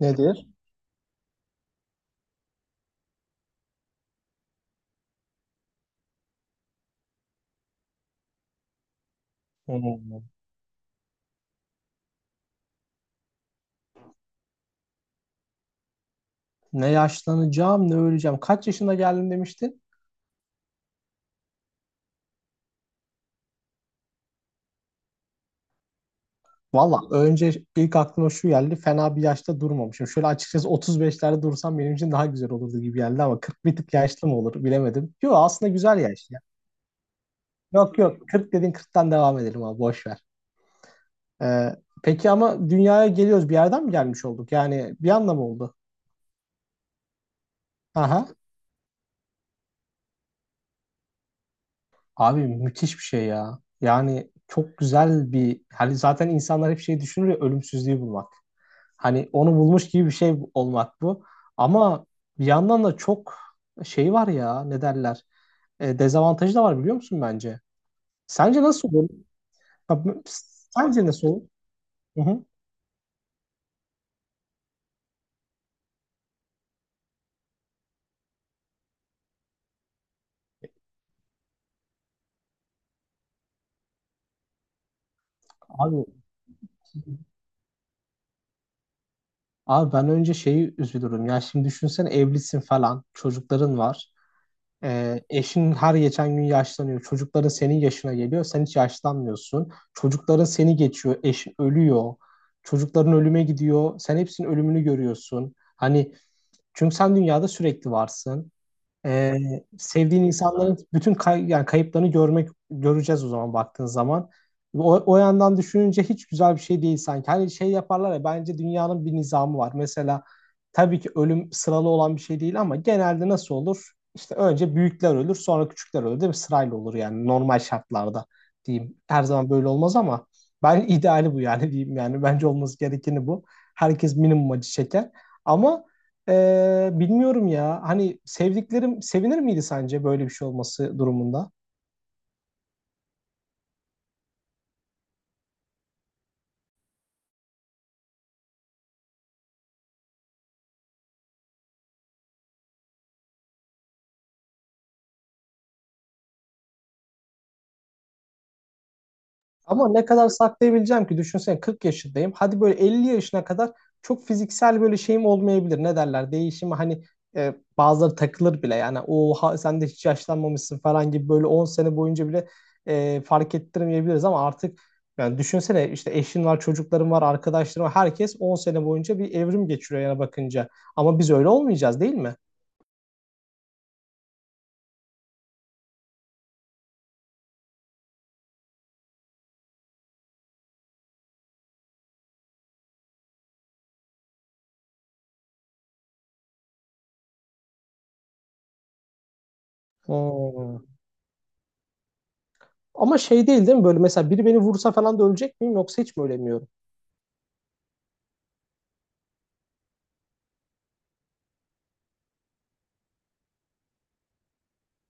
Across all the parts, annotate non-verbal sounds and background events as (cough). Nedir? Hmm. Ne yaşlanacağım ne öleceğim. Kaç yaşında geldim demiştin? Valla önce ilk aklıma şu geldi. Fena bir yaşta durmamışım. Şöyle açıkçası 35'lerde dursam benim için daha güzel olurdu gibi geldi ama 40 bir tık yaşlı mı olur bilemedim. Yok aslında güzel yaş ya. Yok yok 40 dedin 40'tan devam edelim abi, boş ver. Ee, peki ama dünyaya geliyoruz, bir yerden mi gelmiş olduk? Yani bir anda oldu? Aha. Abi müthiş bir şey ya. Yani çok güzel bir, hani zaten insanlar hep şey düşünür ya, ölümsüzlüğü bulmak. Hani onu bulmuş gibi bir şey olmak bu. Ama bir yandan da çok şey var ya, ne derler. Dezavantajı da var biliyor musun bence? Sence nasıl olur? Ya, b- Sence nasıl olur? Hı hı. Abi, abi, ben önce şeyi üzülürüm. Ya şimdi düşünsene, evlisin falan. Çocukların var. Eşin her geçen gün yaşlanıyor. Çocukların senin yaşına geliyor. Sen hiç yaşlanmıyorsun. Çocukların seni geçiyor. Eşin ölüyor. Çocukların ölüme gidiyor. Sen hepsinin ölümünü görüyorsun. Hani. Çünkü sen dünyada sürekli varsın. Ee, sevdiğin insanların bütün yani kayıplarını görmek, göreceğiz o zaman baktığın zaman. O yandan düşününce hiç güzel bir şey değil sanki. Hani şey yaparlar ya, bence dünyanın bir nizamı var. Mesela tabii ki ölüm sıralı olan bir şey değil ama genelde nasıl olur? İşte önce büyükler ölür, sonra küçükler ölür değil mi? Sırayla olur yani normal şartlarda diyeyim. Her zaman böyle olmaz ama ben (laughs) ideali bu yani diyeyim, yani bence olması gerekeni bu. Herkes minimum acı çeker. Ama bilmiyorum ya. Hani sevdiklerim sevinir miydi sence böyle bir şey olması durumunda? Ama ne kadar saklayabileceğim ki, düşünsene 40 yaşındayım. Hadi böyle 50 yaşına kadar çok fiziksel böyle şeyim olmayabilir. Ne derler? Değişimi, hani bazıları takılır bile. Yani oha sen de hiç yaşlanmamışsın falan gibi, böyle 10 sene boyunca bile fark ettirmeyebiliriz ama artık yani düşünsene, işte eşin var, çocukların var, arkadaşların var. Herkes 10 sene boyunca bir evrim geçiriyor yana bakınca. Ama biz öyle olmayacağız değil mi? Hmm. Ama şey değil değil mi? Böyle mesela biri beni vursa falan da ölecek miyim, yoksa hiç mi ölemiyorum?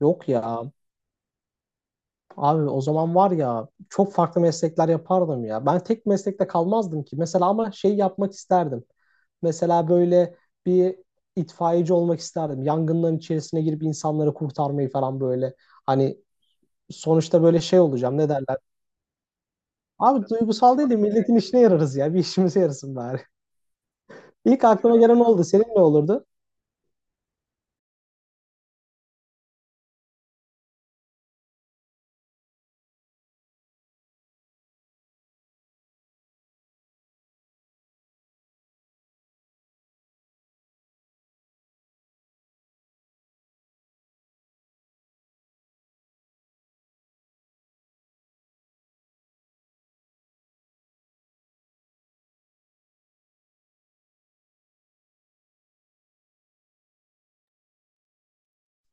Yok ya. Abi o zaman var ya, çok farklı meslekler yapardım ya. Ben tek meslekte kalmazdım ki. Mesela ama şey yapmak isterdim. Mesela böyle bir itfaiyeci olmak isterdim. Yangınların içerisine girip insanları kurtarmayı falan, böyle. Hani sonuçta böyle şey olacağım, ne derler. Abi duygusal değil de milletin işine yararız ya. Bir işimize yarasın bari. (laughs) İlk aklıma gelen oldu. Senin ne olurdu?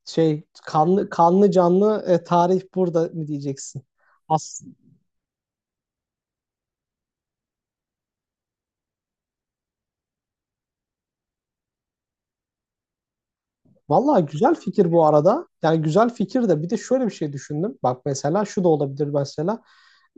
Şey, kanlı canlı tarih burada mı diyeceksin? As Vallahi güzel fikir bu arada. Yani güzel fikir de, bir de şöyle bir şey düşündüm. Bak mesela şu da olabilir mesela.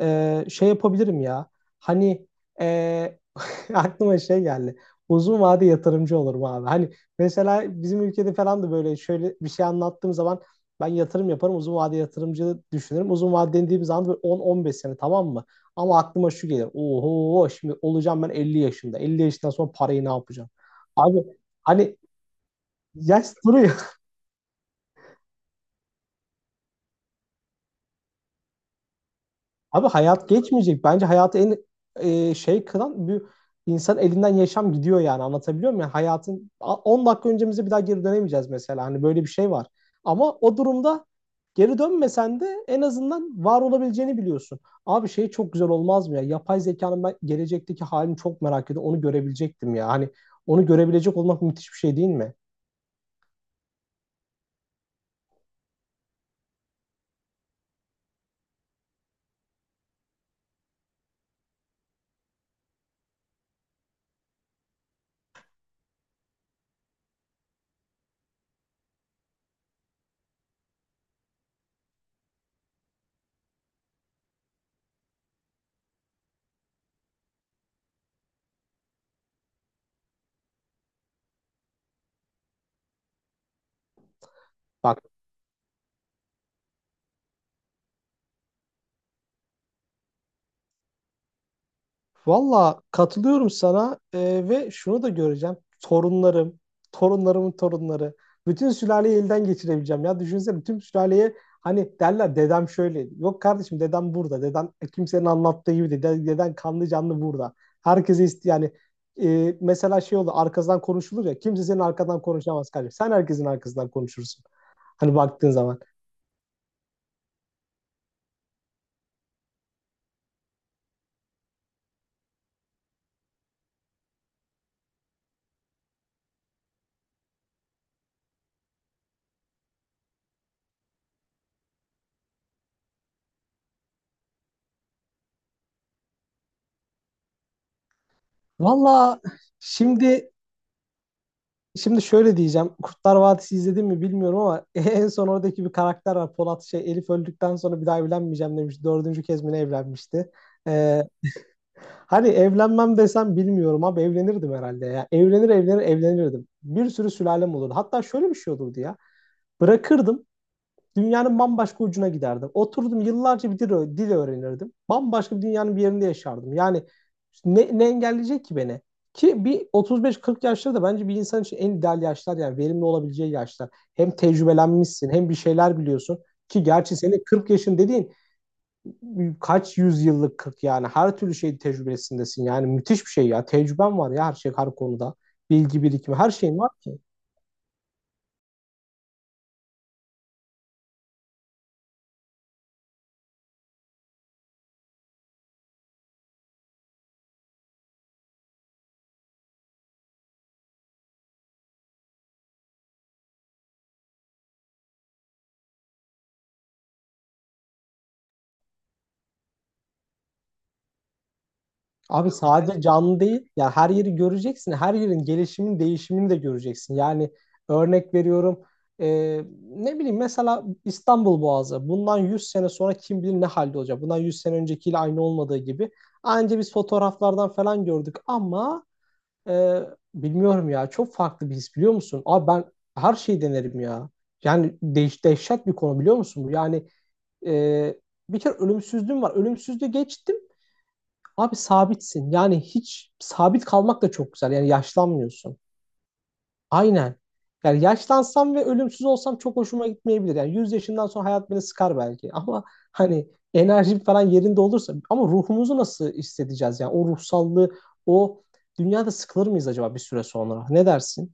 Şey yapabilirim ya. Hani ee, (laughs) aklıma şey geldi. Uzun vade yatırımcı olurum abi. Hani mesela bizim ülkede falan da böyle şöyle bir şey anlattığım zaman, ben yatırım yaparım. Uzun vade yatırımcı düşünürüm. Uzun vade dediğim zaman böyle 10-15 sene, tamam mı? Ama aklıma şu gelir. Oho, şimdi olacağım ben 50 yaşında. 50 yaşından sonra parayı ne yapacağım? Abi hani yaş duruyor. Abi hayat geçmeyecek. Bence hayatı en şey kılan, bir insan elinden yaşam gidiyor, yani anlatabiliyor muyum? Yani hayatın 10 dakika öncemize bir daha geri dönemeyeceğiz mesela. Hani böyle bir şey var. Ama o durumda geri dönmesen de en azından var olabileceğini biliyorsun. Abi şey çok güzel olmaz mı ya? Yapay zekanın ben gelecekteki halini çok merak ediyorum. Onu görebilecektim ya. Hani onu görebilecek olmak müthiş bir şey değil mi? Bak. Valla katılıyorum sana ve şunu da göreceğim. Torunlarım, torunlarımın torunları. Bütün sülaleyi elden geçirebileceğim ya. Düşünsene, bütün sülaleye hani derler, dedem şöyle. Yok kardeşim, dedem burada. Dedem kimsenin anlattığı gibi değil. Deden kanlı canlı burada. Herkese yani mesela şey oldu, arkadan konuşulur ya. Kimse senin arkadan konuşamaz kardeşim. Sen herkesin arkasından konuşursun. Hani baktığın zaman. Valla, şimdi Şimdi şöyle diyeceğim. Kurtlar Vadisi izledim mi bilmiyorum ama (laughs) en son oradaki bir karakter var. Polat, Elif öldükten sonra bir daha evlenmeyeceğim demiş. Dördüncü kez mi ne evlenmişti? Ee, hani evlenmem desem, bilmiyorum abi, evlenirdim herhalde ya. Evlenir evlenir evlenirdim. Bir sürü sülalem olurdu. Hatta şöyle bir şey olurdu ya. Bırakırdım. Dünyanın bambaşka ucuna giderdim. Oturdum yıllarca bir dil öğrenirdim. Bambaşka bir dünyanın bir yerinde yaşardım. Yani ne engelleyecek ki beni? Ki bir 35-40 yaşları da bence bir insan için en ideal yaşlar, yani verimli olabileceği yaşlar. Hem tecrübelenmişsin hem bir şeyler biliyorsun. Ki gerçi senin 40 yaşın dediğin kaç yüzyıllık 40, yani her türlü şeyin tecrübesindesin. Yani müthiş bir şey ya. Tecrüben var ya her şey, her konuda. Bilgi birikimi, her şeyin var ki. Abi sadece canlı değil, ya her yeri göreceksin, her yerin gelişimin, değişimini de göreceksin. Yani örnek veriyorum, e, ne bileyim mesela İstanbul Boğazı, bundan 100 sene sonra kim bilir ne halde olacak. Bundan 100 sene öncekiyle aynı olmadığı gibi. Anca biz fotoğraflardan falan gördük ama e, bilmiyorum ya, çok farklı bir his, biliyor musun? Abi ben her şeyi denerim ya. Yani dehşet bir konu, biliyor musun bu? Yani e, bir kere ölümsüzlüğüm var, ölümsüzlüğü geçtim. Abi sabitsin. Yani hiç, sabit kalmak da çok güzel. Yani yaşlanmıyorsun. Aynen. Yani yaşlansam ve ölümsüz olsam çok hoşuma gitmeyebilir. Yani 100 yaşından sonra hayat beni sıkar belki. (laughs) Ama hani enerjim falan yerinde olursa, ama ruhumuzu nasıl hissedeceğiz? Yani o ruhsallığı, o dünyada sıkılır mıyız acaba bir süre sonra? Ne dersin?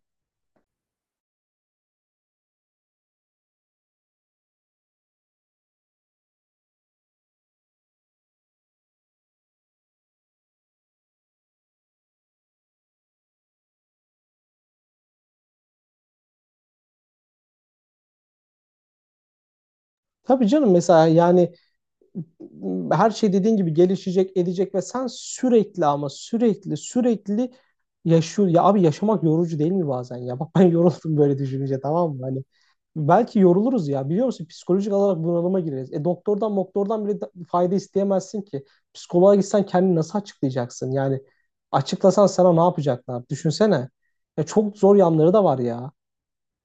Tabii canım, mesela yani her şey dediğin gibi gelişecek, edecek ve sen sürekli, ama sürekli sürekli yaşıyor. Ya abi yaşamak yorucu değil mi bazen ya? (laughs) Bak, ben yoruldum böyle düşününce, tamam mı? Hani belki yoruluruz ya, biliyor musun? Psikolojik olarak bunalıma gireriz. E, doktordan bile fayda isteyemezsin ki. Psikoloğa gitsen kendini nasıl açıklayacaksın? Yani açıklasan sana ne yapacaklar? Düşünsene. Ya çok zor yanları da var ya.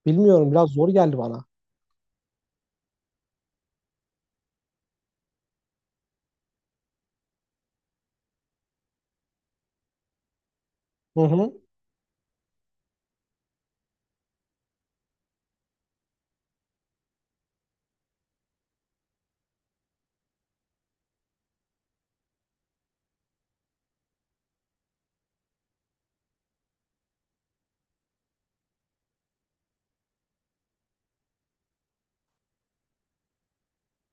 Bilmiyorum, biraz zor geldi bana. Hı hı.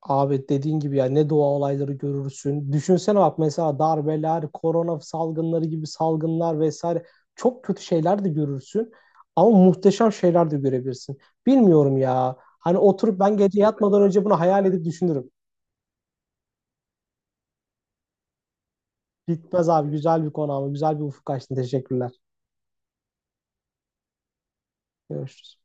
Abi dediğin gibi ya, ne doğa olayları görürsün. Düşünsene bak, mesela darbeler, korona salgınları gibi salgınlar vesaire, çok kötü şeyler de görürsün. Ama muhteşem şeyler de görebilirsin. Bilmiyorum ya. Hani oturup ben gece yatmadan önce bunu hayal edip düşünürüm. Bitmez abi, güzel bir konu, ama güzel bir ufuk açtın. Teşekkürler. Görüşürüz.